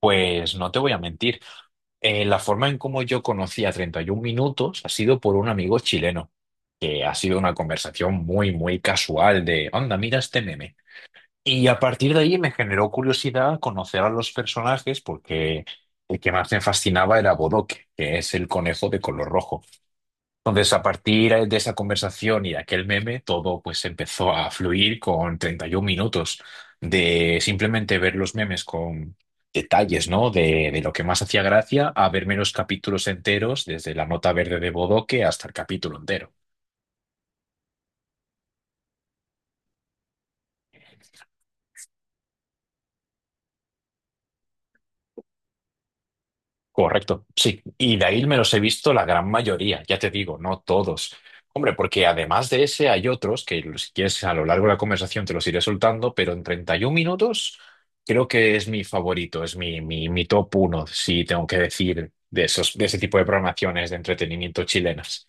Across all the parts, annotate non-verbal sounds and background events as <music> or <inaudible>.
Pues no te voy a mentir. La forma en cómo yo conocí a 31 Minutos ha sido por un amigo chileno, que ha sido una conversación muy, muy casual de, anda, mira este meme. Y a partir de ahí me generó curiosidad conocer a los personajes porque el que más me fascinaba era Bodoque, que es el conejo de color rojo. Entonces, a partir de esa conversación y de aquel meme, todo pues empezó a fluir con 31 minutos de simplemente ver los memes con detalles, ¿no? De lo que más hacía gracia a verme los capítulos enteros, desde la nota verde de Bodoque hasta el capítulo entero. Correcto, sí. Y de ahí me los he visto la gran mayoría, ya te digo, no todos. Hombre, porque además de ese hay otros que si quieres a lo largo de la conversación te los iré soltando, pero en 31 minutos creo que es mi favorito, es mi top uno, si tengo que decir, de esos, de ese tipo de programaciones de entretenimiento chilenas.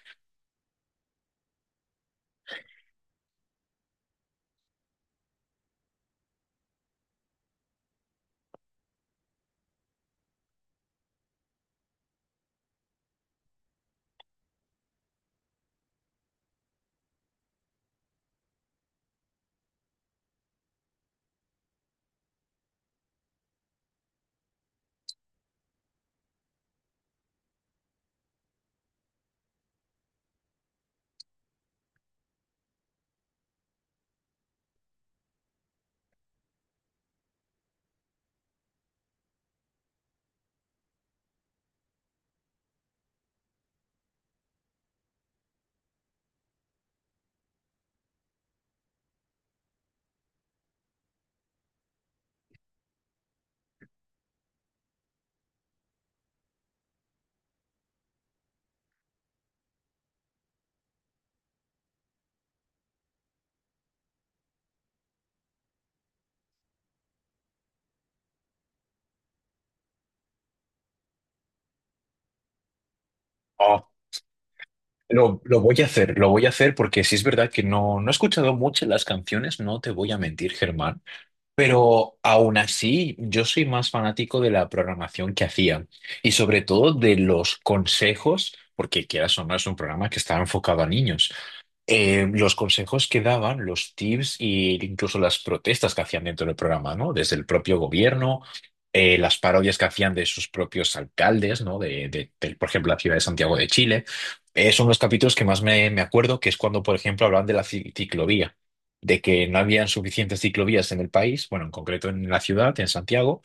Oh, lo voy a hacer, lo voy a hacer porque sí es verdad que no he escuchado mucho las canciones, no te voy a mentir, Germán. Pero aún así, yo soy más fanático de la programación que hacían y sobre todo de los consejos, porque quieras o no es un programa que estaba enfocado a niños. Los consejos que daban, los tips e incluso las protestas que hacían dentro del programa, ¿no? Desde el propio gobierno, las parodias que hacían de sus propios alcaldes, ¿no? De, por ejemplo, la ciudad de Santiago de Chile. Son los capítulos que más me acuerdo, que es cuando, por ejemplo, hablaban de la ciclovía, de que no habían suficientes ciclovías en el país, bueno, en concreto en la ciudad, en Santiago,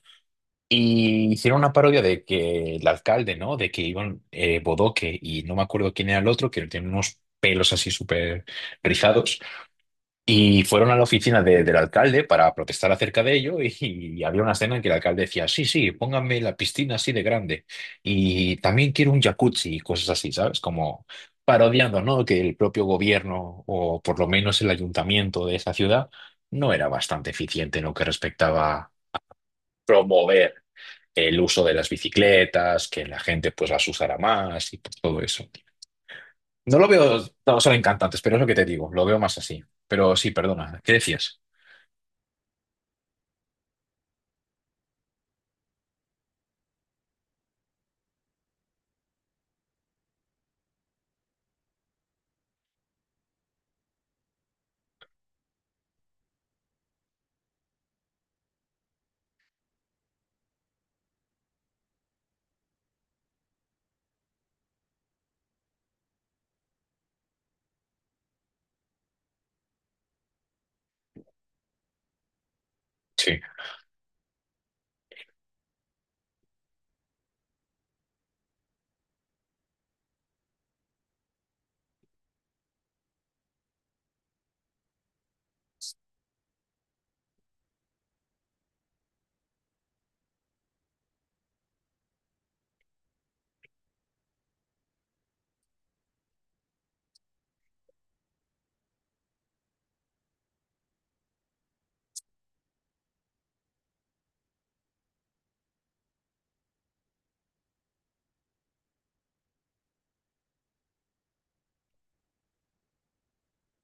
y hicieron una parodia de que el alcalde, ¿no? De que iban Bodoque y no me acuerdo quién era el otro, que tiene unos pelos así súper rizados. Y fueron a la oficina del alcalde para protestar acerca de ello y había una escena en que el alcalde decía, sí, sí, pónganme la piscina así de grande y también quiero un jacuzzi y cosas así, ¿sabes? Como parodiando, ¿no? Que el propio gobierno o por lo menos el ayuntamiento de esa ciudad no era bastante eficiente en lo que respectaba promover el uso de las bicicletas, que la gente pues las usará más y pues, todo eso. No lo veo, no, son encantantes, pero es lo que te digo, lo veo más así. Pero sí, perdona, ¿qué decías? Sí,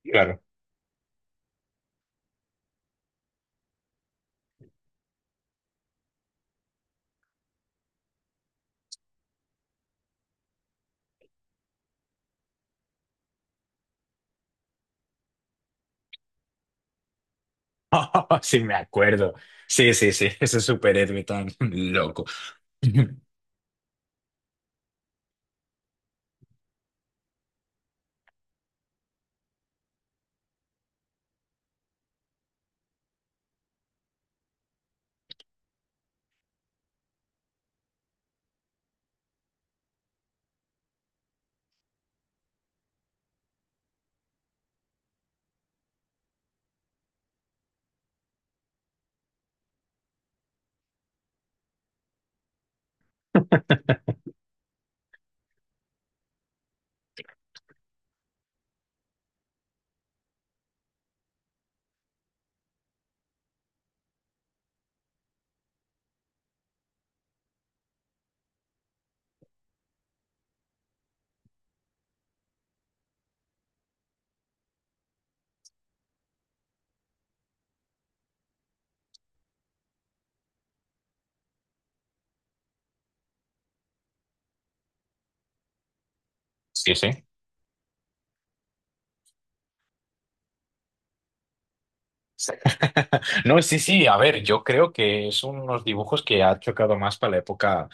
claro. <laughs> Sí, me acuerdo. Sí, sí, sí, <laughs> ese superhéroe tan <laughs> loco. Sí, sí. Sí. <laughs> No, sí, sí, a ver, yo creo que son unos dibujos que ha chocado más para la época,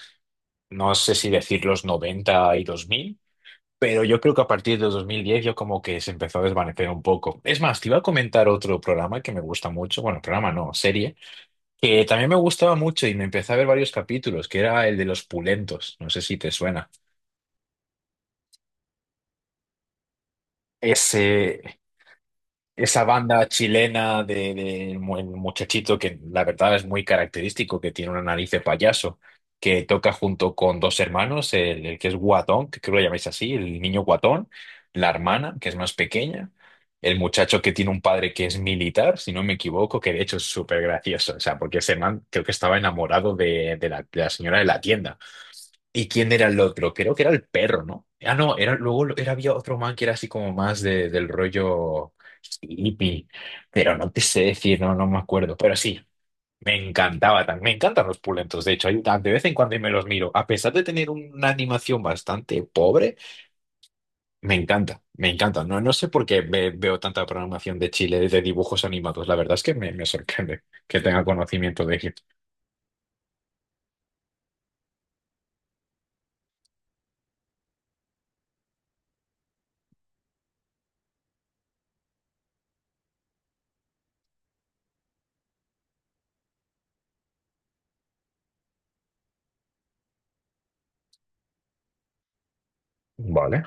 no sé si decir los 90 y dos mil. Pero yo creo que a partir de 2010 yo como que se empezó a desvanecer un poco. Es más, te iba a comentar otro programa que me gusta mucho, bueno, programa no, serie, que también me gustaba mucho y me empecé a ver varios capítulos, que era el de los pulentos, no sé si te suena. Ese, Esa banda chilena de, el muchachito que la verdad es muy característico, que tiene una nariz de payaso, que toca junto con dos hermanos, el que es guatón, que creo que lo llamáis así, el niño guatón, la hermana, que es más pequeña, el muchacho que tiene un padre que es militar, si no me equivoco, que de hecho es súper gracioso, o sea, porque ese man creo que estaba enamorado de la señora de la tienda. ¿Y quién era el otro? Creo que era el perro, ¿no? Ah, no, era, luego era, había otro man que era así como más de, del rollo hippie, pero no te sé decir, no, me acuerdo, pero sí, me encantaba también, me encantan los pulentos, de hecho, de vez en cuando me los miro, a pesar de tener una animación bastante pobre, me encanta, no, no sé por qué veo tanta programación de Chile de dibujos animados, la verdad es que me sorprende que tenga conocimiento de Egipto. Vale.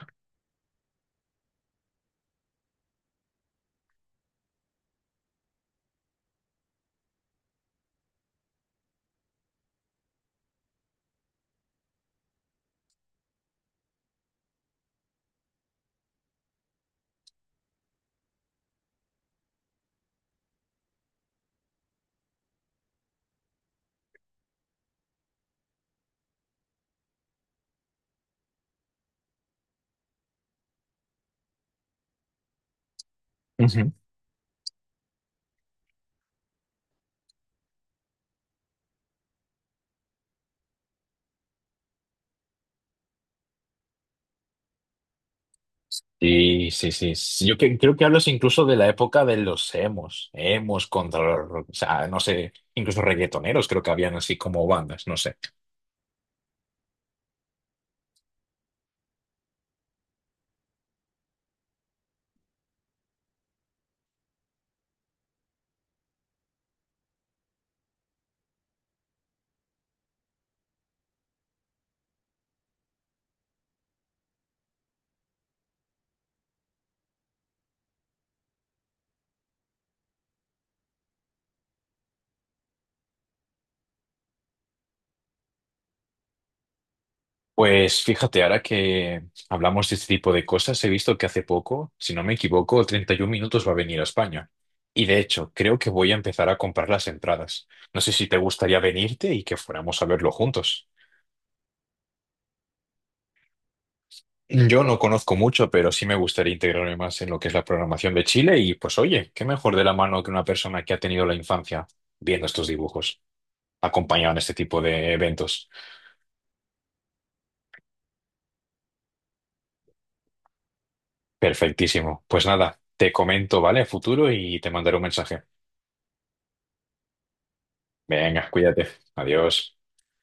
Sí, sí, sí, sí. Yo creo que hablas incluso de la época de los emos contra los, o sea, no sé, incluso reggaetoneros creo que habían así como bandas, no sé. Pues fíjate, ahora que hablamos de este tipo de cosas, he visto que hace poco, si no me equivoco, 31 minutos va a venir a España. Y de hecho, creo que voy a empezar a comprar las entradas. No sé si te gustaría venirte y que fuéramos a verlo juntos. Yo no conozco mucho, pero sí me gustaría integrarme más en lo que es la programación de Chile y pues oye, qué mejor de la mano que una persona que ha tenido la infancia viendo estos dibujos, acompañado en este tipo de eventos. Perfectísimo. Pues nada, te comento, ¿vale? A futuro y te mandaré un mensaje. Venga, cuídate. Adiós.